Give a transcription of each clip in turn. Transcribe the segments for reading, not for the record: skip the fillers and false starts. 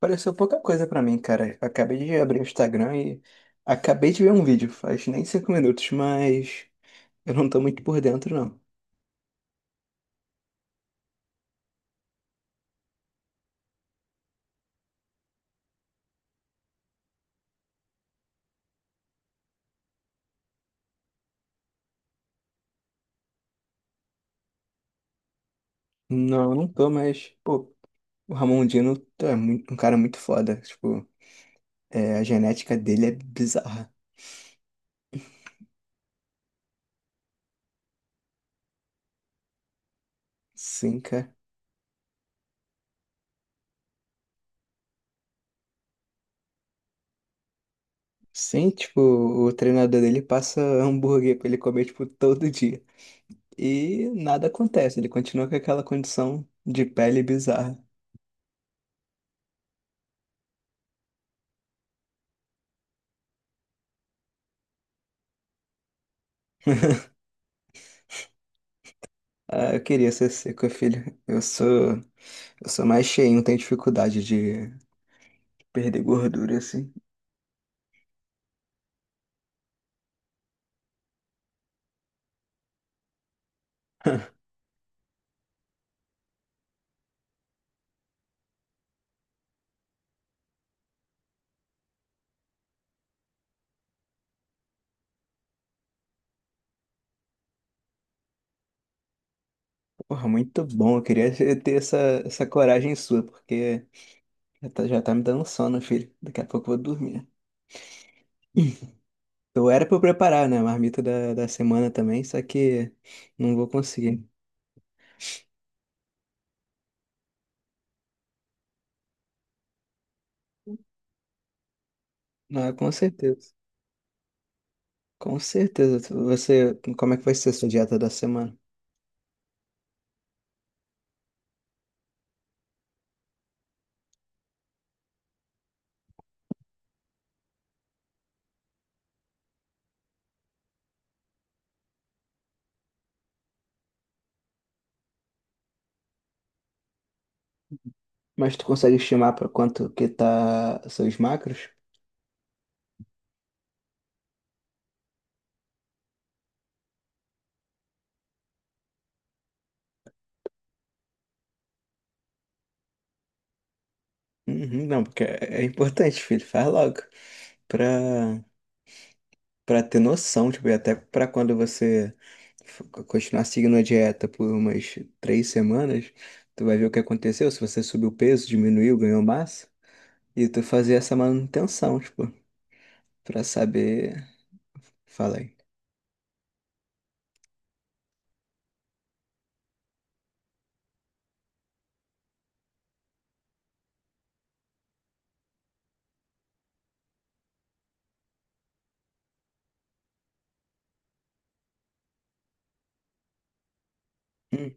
Pareceu pouca coisa pra mim, cara. Acabei de abrir o Instagram e acabei de ver um vídeo, faz nem 5 minutos, mas eu não tô muito por dentro, não. Não, não tô, mas, pô, o Ramon Dino é um cara muito foda. Tipo, a genética dele é bizarra. Sim, cara. Sim, tipo, o treinador dele passa hambúrguer pra ele comer, tipo, todo dia. E nada acontece, ele continua com aquela condição de pele bizarra. Ah, eu queria ser seco, filho. Eu sou. Eu sou mais cheio, não tenho dificuldade de perder gordura, assim. Porra, muito bom. Eu queria ter essa coragem sua, porque já tá me dando sono, filho. Daqui a pouco eu vou dormir. Eu era pra eu preparar, né, a marmita da semana também, só que não vou conseguir. Ah, com certeza. Com certeza. Você, como é que vai ser a sua dieta da semana? Mas tu consegue estimar pra quanto que tá seus macros? Uhum, não, porque é importante, filho. Faz logo. Pra Pra ter noção, tipo, e até pra quando você continuar seguindo a dieta por umas 3 semanas, tu vai ver o que aconteceu, se você subiu peso, diminuiu, ganhou massa, e tu fazer essa manutenção, tipo, pra saber, fala aí. Hum,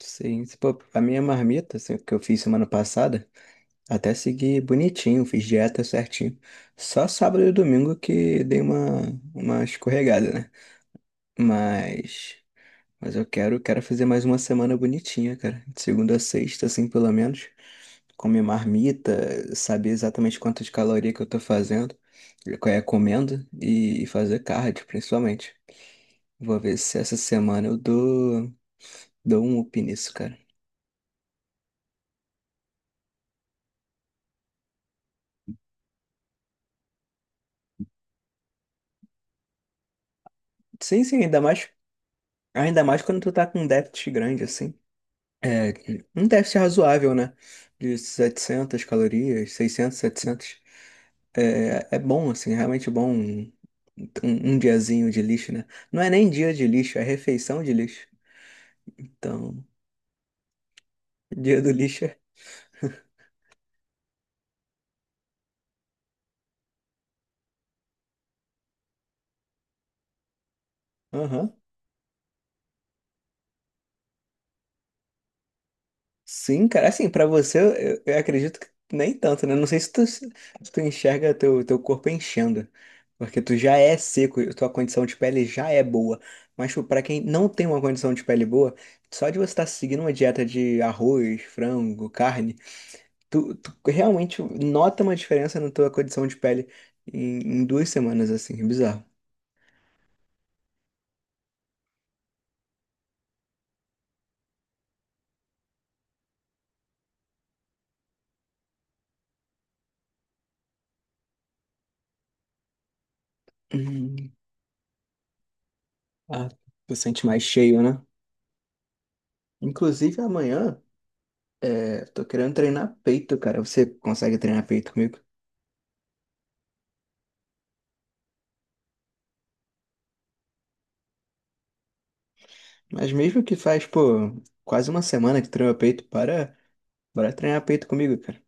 sim, se pô, a minha marmita, assim, que eu fiz semana passada, até segui bonitinho, fiz dieta certinho. Só sábado e domingo que dei uma escorregada, né? Mas. Mas eu quero fazer mais uma semana bonitinha, cara. De segunda a sexta, assim, pelo menos. Comer marmita, saber exatamente quantas calorias que eu tô fazendo, qual é comendo e fazer cardio, principalmente. Vou ver se essa semana eu dou um up nisso, cara. Sim, sim, ainda mais quando tu tá com um déficit grande, assim. É, um déficit razoável, né? De 700 calorias, 600, 700. É, é bom, assim, é realmente bom um diazinho de lixo, né? Não é nem dia de lixo, é refeição de lixo. Então, Dia do lixo é. Aham. Sim, cara, assim, pra você, eu acredito que nem tanto, né? Não sei se tu enxerga teu corpo enchendo, porque tu já é seco, e tua condição de pele já é boa. Mas, tipo, pra quem não tem uma condição de pele boa, só de você estar seguindo uma dieta de arroz, frango, carne, tu realmente nota uma diferença na tua condição de pele em 2 semanas, assim, é bizarro. Hum, ah, tu sente mais cheio, né? Inclusive amanhã, tô querendo treinar peito, cara. Você consegue treinar peito comigo? Mas mesmo que faz, pô, quase uma semana que treina peito, para, bora treinar peito comigo, cara.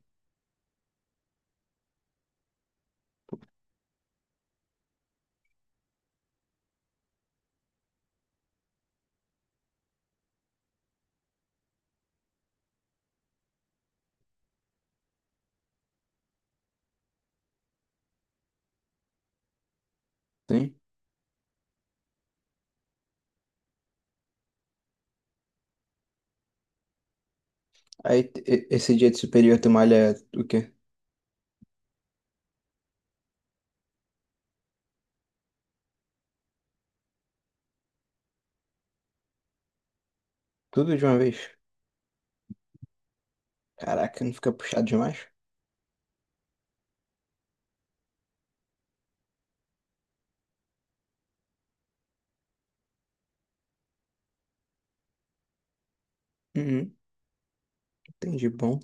Sim. Aí esse dia de superior tu malha o quê? Tudo de uma vez? Caraca, não fica puxado demais? Uhum, entendi, bom.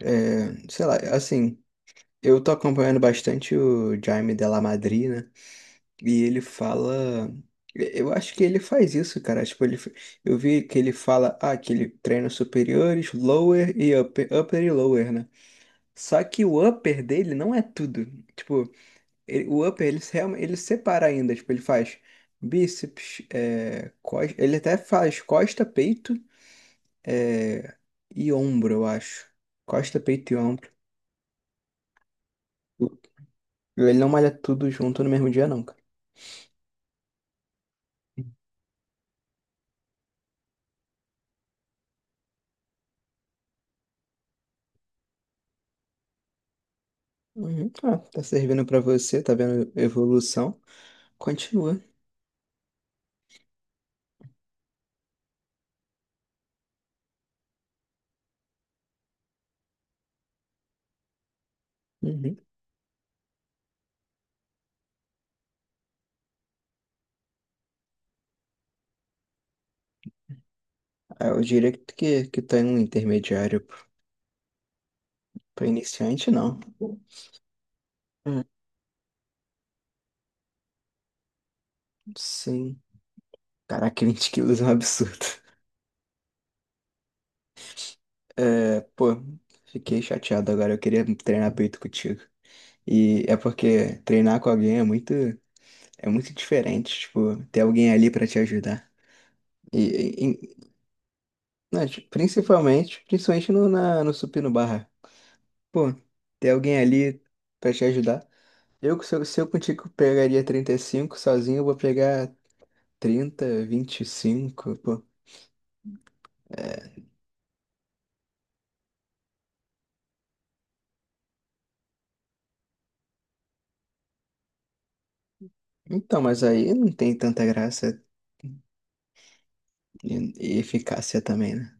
É, sei lá, assim. Eu tô acompanhando bastante o Jaime de la Madrid, né? E ele fala. Eu acho que ele faz isso, cara. Tipo, ele. Eu vi que ele fala, ah, que ele treina superiores, lower e upper, upper e lower, né? Só que o upper dele não é tudo. Tipo, o upper ele, ele separa ainda. Tipo, ele faz bíceps, ele até faz costa, peito, é... e ombro, eu acho. Costa, peito e ombro. Ele não malha tudo junto no mesmo dia, não, cara. Uhum, tá servindo pra você, tá vendo evolução, continua. Uhum. Ah, eu diria que tá em um intermediário pra iniciante, não. Hum, sim. Caraca, 20 quilos é um absurdo. É, pô, fiquei chateado agora, eu queria treinar peito contigo. E é porque treinar com alguém é muito, diferente, tipo, ter alguém ali pra te ajudar. E, e- e- não, tipo, principalmente no supino barra. Pô, ter alguém ali pra te ajudar. Se eu contigo pegaria 35 sozinho, eu vou pegar 30, 25, pô. Então, mas aí não tem tanta graça e eficácia também, né?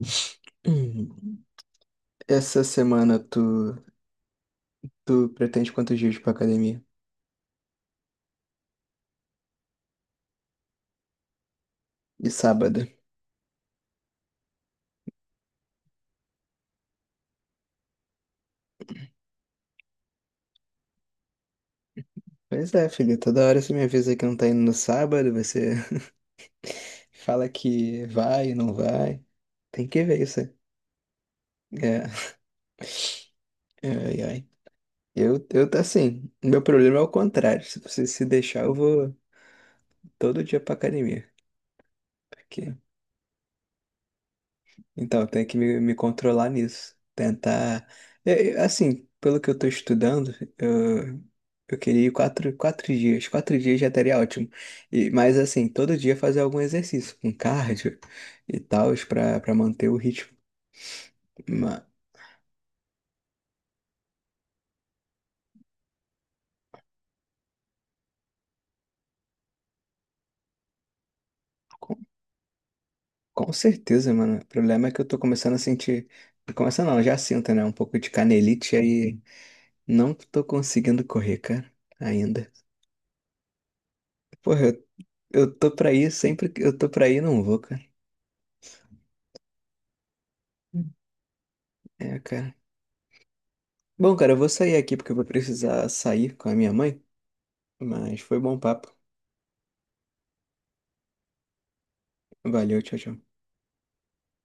Hum. Essa semana tu pretende quantos dias pra academia? E sábado? Pois é, filho, toda hora você me avisa que não tá indo no sábado, você fala que vai e não vai. Tem que ver isso aí. É, ai, ai. Eu tá assim, meu problema é o contrário. Se você se deixar, eu vou todo dia pra academia. Porque. Então, eu tenho que me controlar nisso. Tentar. Assim, pelo que eu tô estudando, eu queria ir quatro dias. 4 dias já estaria ótimo. Mas, assim, todo dia fazer algum exercício, com cardio e tal, pra manter o ritmo. Ma- Com, com certeza, mano. O problema é que eu tô começando a sentir. Começando não, já sinto, né? Um pouco de canelite aí. Não tô conseguindo correr, cara, ainda. Porra, eu tô pra ir sempre que eu tô pra ir, não vou, cara. É, cara. Bom, cara, eu vou sair aqui porque eu vou precisar sair com a minha mãe, mas foi bom papo. Valeu, tchau, tchau.